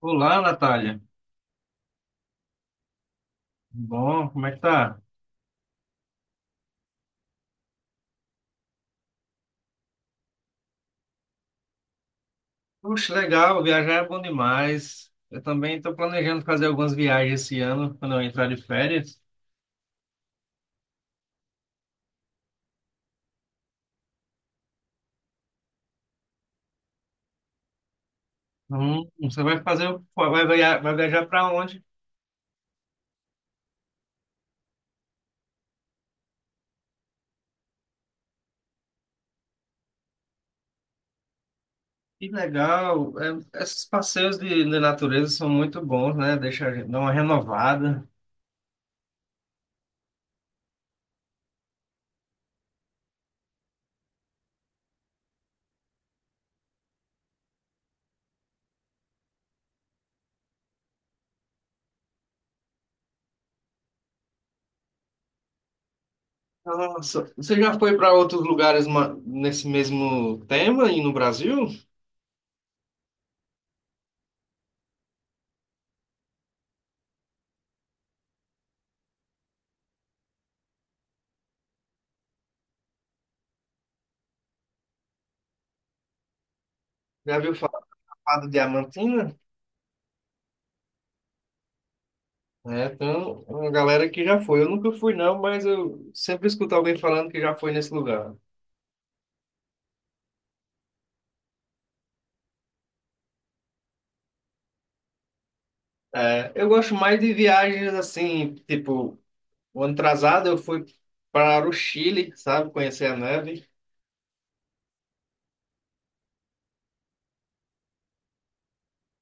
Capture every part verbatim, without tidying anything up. Olá, Natália. Bom, como é que tá? Puxa, legal, viajar é bom demais. Eu também estou planejando fazer algumas viagens esse ano, quando eu entrar de férias. Hum, você vai fazer, o- vai viajar, vai viajar para onde? Que legal. É, esses passeios de, de natureza são muito bons, né? Deixa a gente dar uma renovada. Nossa, você já foi para outros lugares ma- nesse mesmo tema aí no Brasil? Já viu falar do Diamantina? É, então, uma galera que já foi. Eu nunca fui, não, mas eu sempre escuto alguém falando que já foi nesse lugar. É, eu gosto mais de viagens assim, tipo, o ano atrasado eu fui para o Chile, sabe, conhecer a neve.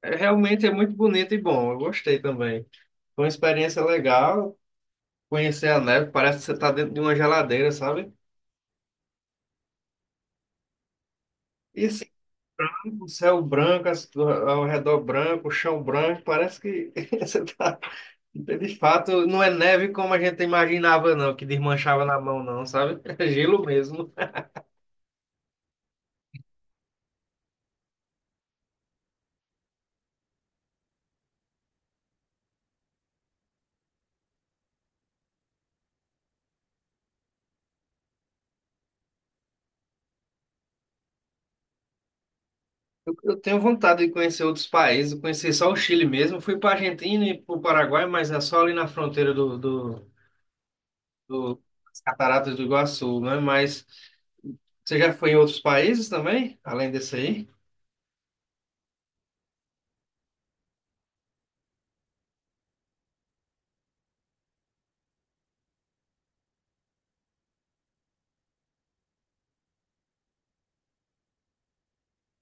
É, realmente é muito bonito e bom, eu gostei também. Foi uma experiência legal conhecer a neve, parece que você está dentro de uma geladeira, sabe? E assim, o céu branco, as- ao redor branco, o chão branco, parece que você está. Então, de fato, não é neve como a gente imaginava, não, que desmanchava na mão, não, sabe? É gelo mesmo. Eu, eu tenho vontade de conhecer outros países, eu conheci só o Chile mesmo. Fui para a Argentina e para o Paraguai, mas é só ali na fronteira do, do, do- das Cataratas do Iguaçu, né? Mas você já foi em outros países também, além desse aí?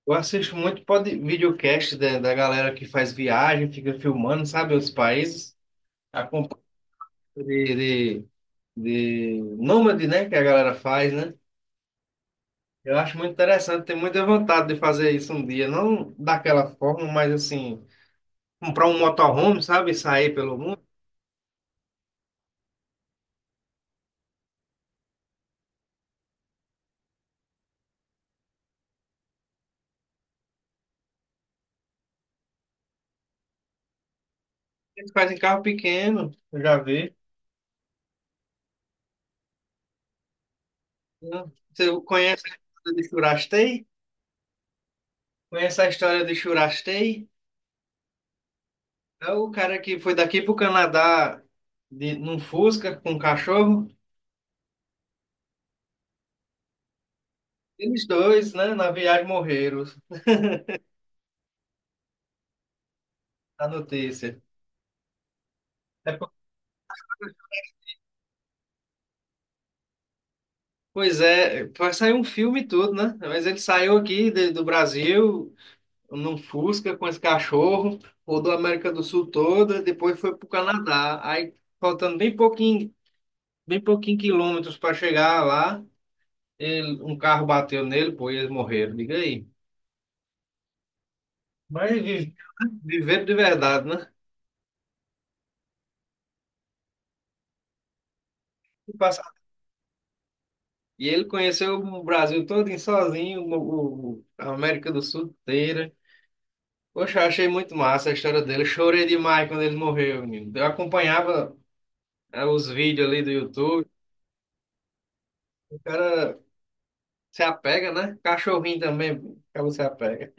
Eu assisto muito pod, videocast da, da galera que faz viagem, fica filmando, sabe, outros países. Acompanho de, de, de nômade, né, que a galera faz, né? Eu acho muito interessante, tenho muita vontade de fazer isso um dia. Não daquela forma, mas assim, comprar um motorhome, sabe? Sair pelo mundo. Eles fazem carro pequeno, eu já vi. Né? Você conhece a história de Churastei? Conhece a história de Churastei? É o cara que foi daqui pro Canadá de, num Fusca com um cachorro. Eles dois, né, na viagem morreram, a notícia. É, po- pois é, vai sair um filme e tudo, né? Mas ele saiu aqui de- do Brasil num Fusca com esse cachorro, rodou a América do Sul toda, depois foi pro Canadá. Aí, faltando bem pouquinho, bem pouquinho quilômetros para chegar lá, ele- um carro bateu nele, pô, e eles morreram. Diga aí. Mas vi- viveram de verdade, né? E passa- e ele conheceu o Brasil todo sozinho, o, o- a América do Sul inteira. Poxa, eu achei muito massa a história dele. Eu chorei demais quando ele morreu, menino. Eu acompanhava eh, os vídeos ali do YouTube. O cara se apega, né? Cachorrinho também, que você apega.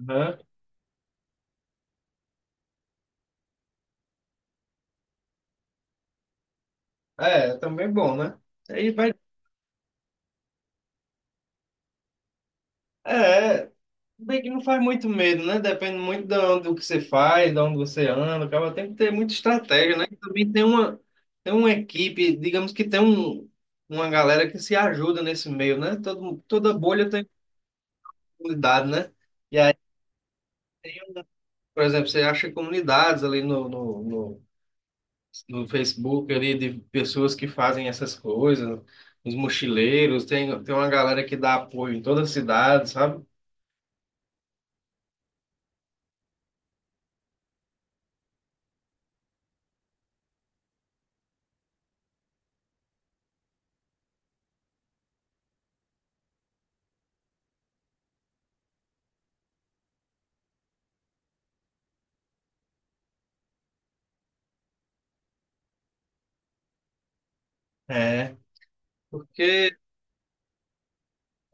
Aham. É, também bom, né? Aí vai. É, bem que não faz muito medo, né? Depende muito do, do que você faz, de onde você anda. Acaba tem que ter muita estratégia, né? E também tem uma, tem uma equipe, digamos que tem um, uma galera que se ajuda nesse meio, né? Todo, toda bolha tem comunidade, né? E aí tem, um- por exemplo, você acha comunidades ali no, no, no- no Facebook ali de pessoas que fazem essas coisas, os mochileiros, tem, tem uma galera que dá apoio em toda a cidade, sabe? É, porque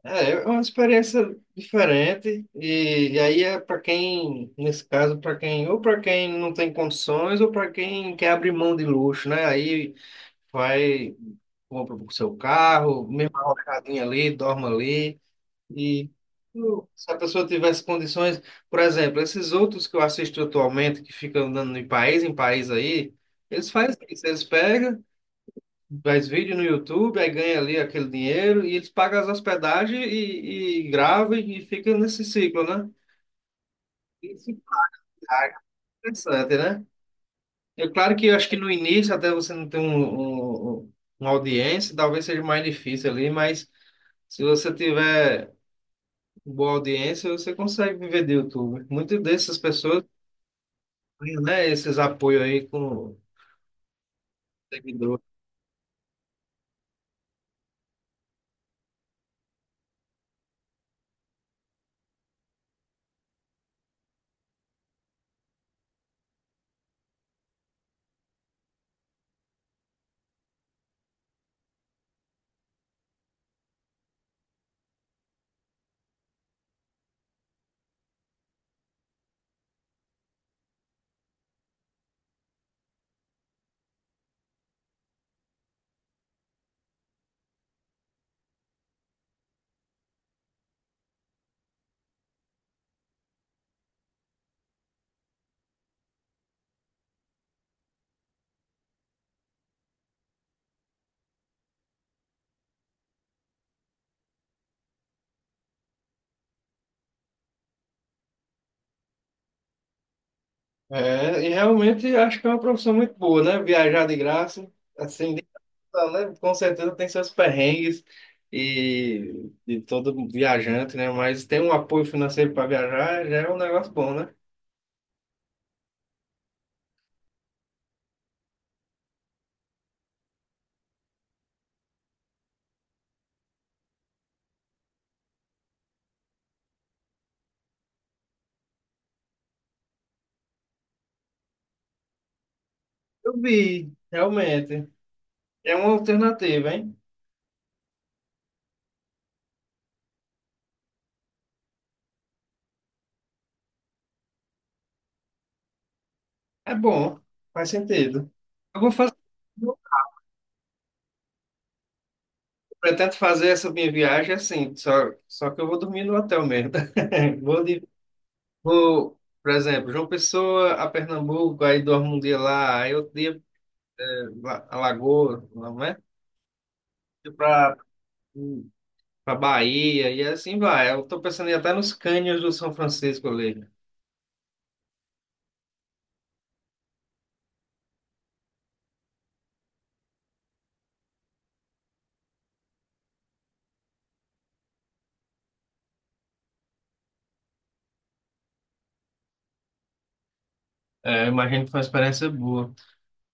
é, é uma experiência diferente e, e aí é para quem, nesse caso, para quem ou para quem não tem condições ou para quem quer abrir mão de luxo, né? Aí vai, compra o seu carro, mesma rocadinha ali, dorme ali. E se a pessoa tivesse condições, por exemplo, esses outros que eu assisto atualmente, que ficam andando de país em país aí, eles fazem isso, eles pegam, faz vídeo no YouTube, aí ganha ali aquele dinheiro e eles pagam as hospedagens e, e gravam e fica nesse ciclo, né? Isso é interessante, né? É claro que eu acho que no início, até você não ter um, um- um, uma audiência, talvez seja mais difícil ali, mas se você tiver boa audiência, você consegue viver do YouTube. Muitas dessas pessoas têm, né, esses apoios aí com seguidor. É, e realmente acho que é uma profissão muito boa, né? Viajar de graça, assim, de- né? Com certeza tem seus perrengues e de todo viajante, né? Mas ter um apoio financeiro para viajar já é um negócio bom, né? Eu vi, realmente. É uma alternativa, hein? É bom, faz sentido. Eu vou fazer. Pretendo fazer essa minha viagem assim, só, só que eu vou dormir no hotel mesmo. Vou, de- vou, por exemplo, João Pessoa a Pernambuco, aí dormo um dia lá, aí outro dia lá- a Lagoa, não é? Para para Bahia, e assim vai. Eu estou pensando em ir até nos cânions do São Francisco ali. É, eu imagino que foi uma experiência boa.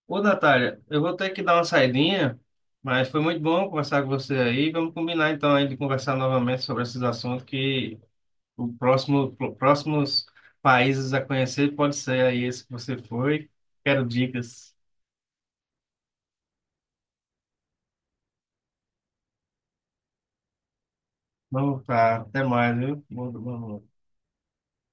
Ô, Natália, eu vou ter que dar uma saidinha, mas foi muito bom conversar com você aí. Vamos combinar então aí de conversar novamente sobre esses assuntos que o próximo, pro- próximos países a conhecer pode ser aí esse que você foi. Quero dicas. Vamos, tá. Até mais, viu? Bom, bom,